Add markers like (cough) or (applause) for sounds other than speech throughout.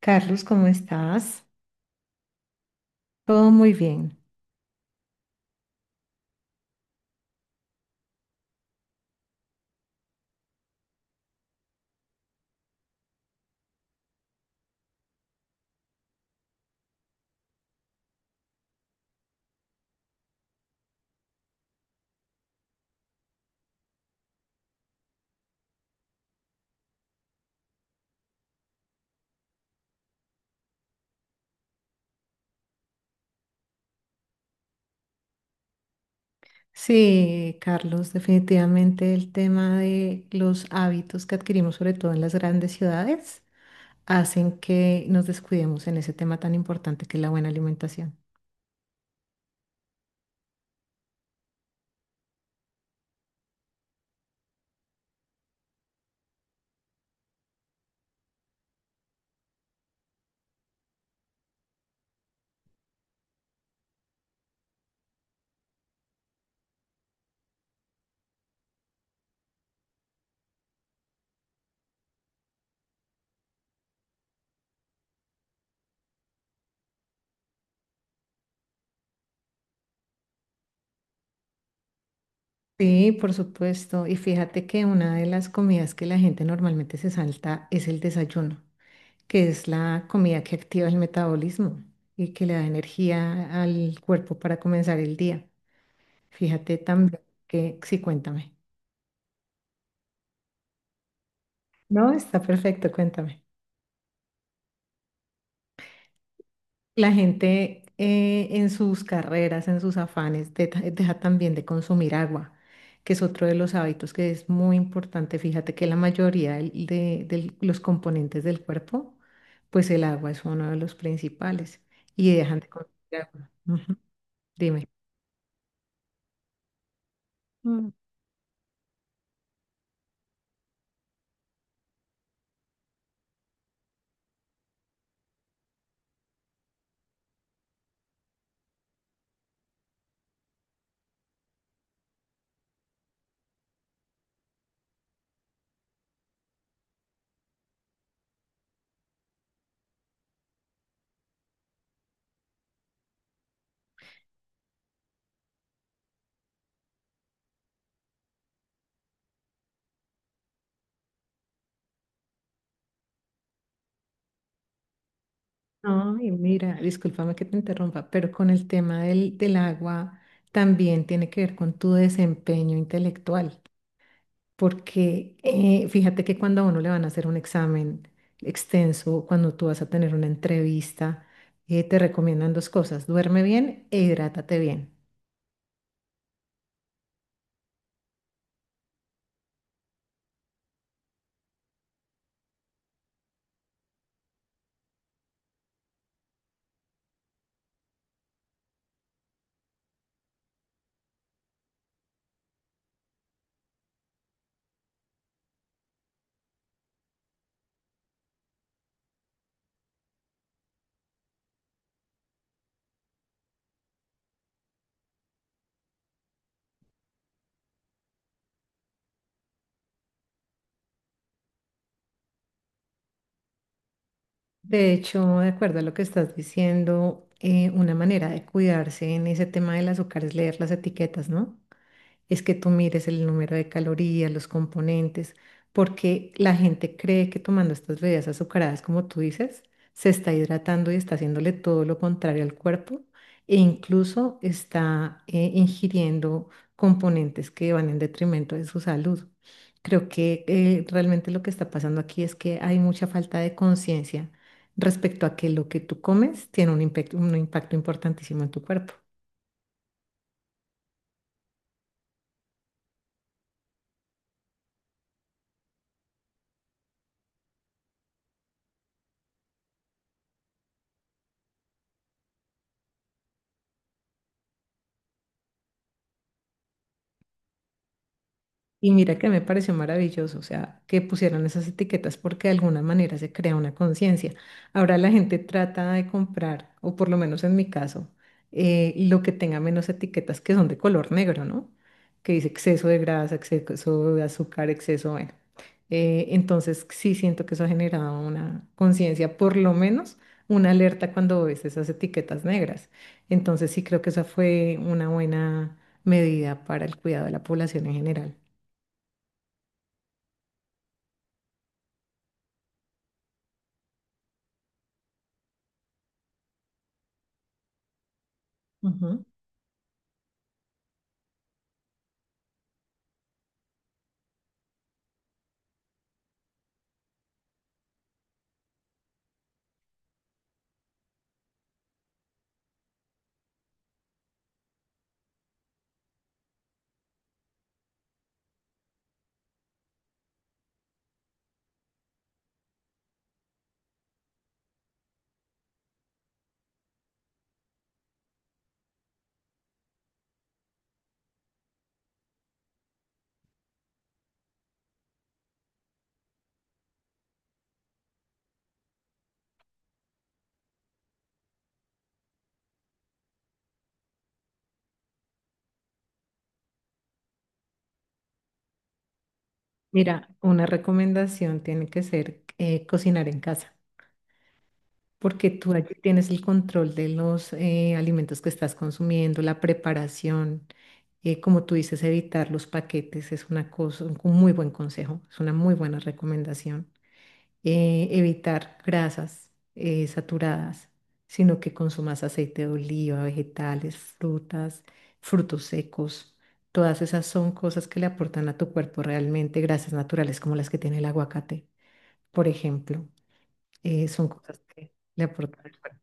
Carlos, ¿cómo estás? Todo muy bien. Sí, Carlos, definitivamente el tema de los hábitos que adquirimos, sobre todo en las grandes ciudades, hacen que nos descuidemos en ese tema tan importante que es la buena alimentación. Sí, por supuesto. Y fíjate que una de las comidas que la gente normalmente se salta es el desayuno, que es la comida que activa el metabolismo y que le da energía al cuerpo para comenzar el día. Fíjate también que, sí, cuéntame. No, está perfecto, cuéntame. La gente en sus carreras, en sus afanes, deja también de consumir agua, que es otro de los hábitos que es muy importante. Fíjate que la mayoría de los componentes del cuerpo, pues el agua es uno de los principales y dejan de consumir agua. Ujú. Dime. Mm. No, y mira, discúlpame que te interrumpa, pero con el tema del agua también tiene que ver con tu desempeño intelectual. Porque fíjate que cuando a uno le van a hacer un examen extenso, cuando tú vas a tener una entrevista, te recomiendan dos cosas, duerme bien e hidrátate bien. De hecho, de acuerdo a lo que estás diciendo, una manera de cuidarse en ese tema del azúcar es leer las etiquetas, ¿no? Es que tú mires el número de calorías, los componentes, porque la gente cree que tomando estas bebidas azucaradas, como tú dices, se está hidratando y está haciéndole todo lo contrario al cuerpo e incluso está ingiriendo componentes que van en detrimento de su salud. Creo que realmente lo que está pasando aquí es que hay mucha falta de conciencia respecto a que lo que tú comes tiene un un impacto importantísimo en tu cuerpo. Y mira que me pareció maravilloso, o sea, que pusieran esas etiquetas porque de alguna manera se crea una conciencia. Ahora la gente trata de comprar, o por lo menos en mi caso, lo que tenga menos etiquetas que son de color negro, ¿no? Que dice exceso de grasa, exceso de azúcar, exceso, bueno. Entonces sí siento que eso ha generado una conciencia, por lo menos una alerta cuando ves esas etiquetas negras. Entonces sí creo que esa fue una buena medida para el cuidado de la población en general. Ujú. Mira, una recomendación tiene que ser cocinar en casa, porque tú allí tienes el control de los alimentos que estás consumiendo, la preparación, como tú dices, evitar los paquetes es una cosa, un muy buen consejo, es una muy buena recomendación. Evitar grasas saturadas, sino que consumas aceite de oliva, vegetales, frutas, frutos secos. Todas esas son cosas que le aportan a tu cuerpo realmente grasas naturales como las que tiene el aguacate, por ejemplo. Son cosas que le aportan al cuerpo.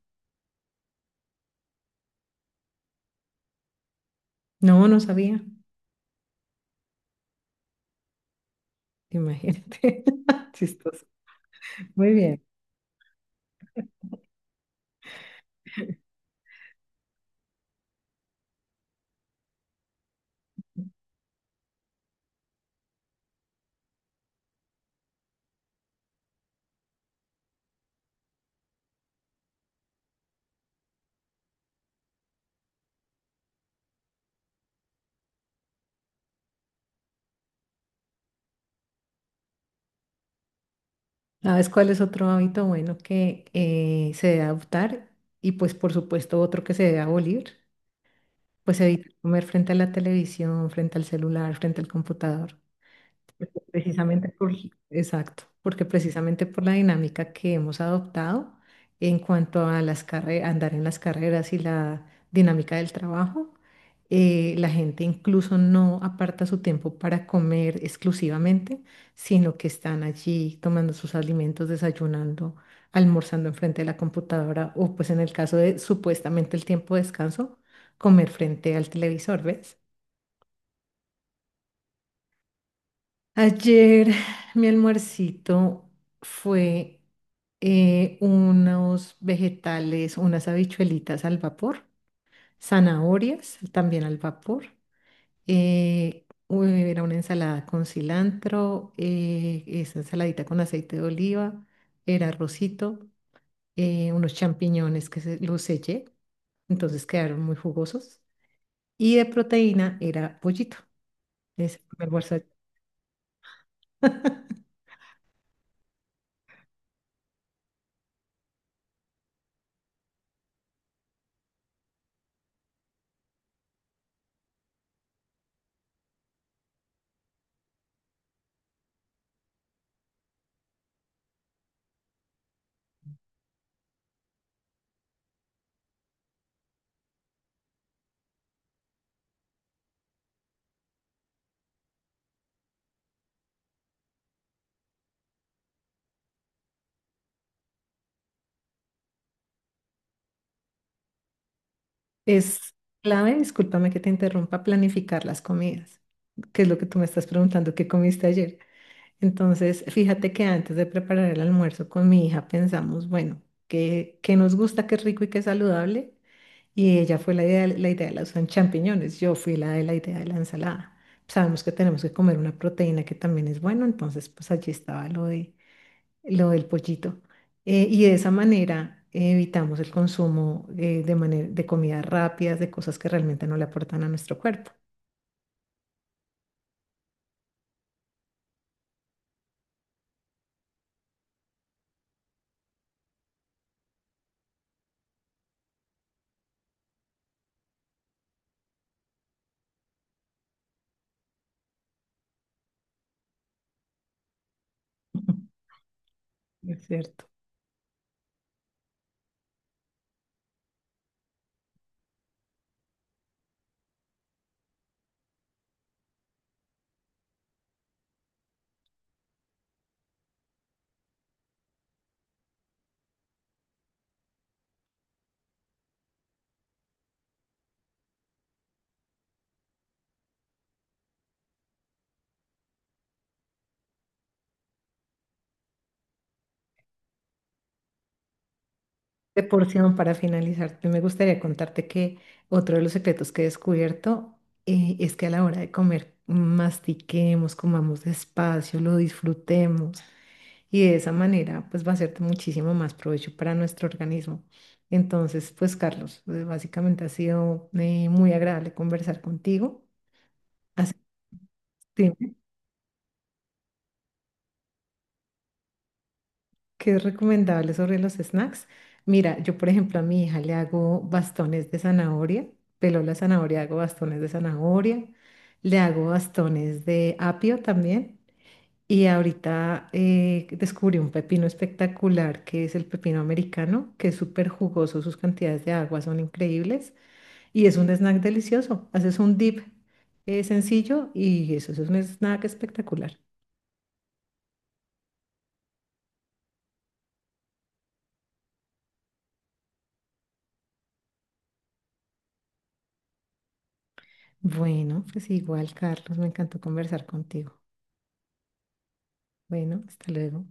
No, no sabía. Imagínate. (laughs) Chistoso. Muy bien. ¿Sabes cuál es otro hábito bueno que se debe adoptar? Y pues por supuesto otro que se debe abolir. Pues evitar comer frente a la televisión, frente al celular, frente al computador. Precisamente por, exacto, porque precisamente por la dinámica que hemos adoptado en cuanto a las andar en las carreras y la dinámica del trabajo, la gente incluso no aparta su tiempo para comer exclusivamente, sino que están allí tomando sus alimentos, desayunando, almorzando enfrente de la computadora o pues en el caso de supuestamente el tiempo de descanso, comer frente al televisor, ¿ves? Ayer mi almuercito fue unos vegetales, unas habichuelitas al vapor, zanahorias también al vapor. Era una ensalada con cilantro, esa ensaladita con aceite de oliva, era arrocito, unos champiñones los sellé, entonces quedaron muy jugosos. Y de proteína era pollito. Ese fue mi almuerzo. (laughs) Es clave, discúlpame que te interrumpa, planificar las comidas, que es lo que tú me estás preguntando, ¿qué comiste ayer? Entonces, fíjate que antes de preparar el almuerzo con mi hija pensamos, bueno, ¿qué, qué nos gusta, qué rico y qué saludable? Y ella fue la idea de los champiñones, yo fui la de la idea de la ensalada. Sabemos que tenemos que comer una proteína que también es bueno, entonces pues allí estaba lo de lo del pollito. Y de esa manera evitamos el consumo de comidas rápidas, de cosas que realmente no le aportan a nuestro cuerpo. (laughs) Es cierto. De porción, para finalizar, me gustaría contarte que otro de los secretos que he descubierto es que a la hora de comer, mastiquemos, comamos despacio, lo disfrutemos. Y de esa manera pues va a ser de muchísimo más provecho para nuestro organismo. Entonces, pues Carlos, básicamente ha sido muy agradable conversar contigo. Así que dime, ¿qué es recomendable sobre los snacks? Mira, yo por ejemplo a mi hija le hago bastones de zanahoria, pelo la zanahoria, hago bastones de zanahoria, le hago bastones de apio también. Y ahorita descubrí un pepino espectacular que es el pepino americano, que es súper jugoso, sus cantidades de agua son increíbles y es un snack delicioso. Haces un dip sencillo y eso es un snack espectacular. Bueno, pues igual, Carlos, me encantó conversar contigo. Bueno, hasta luego.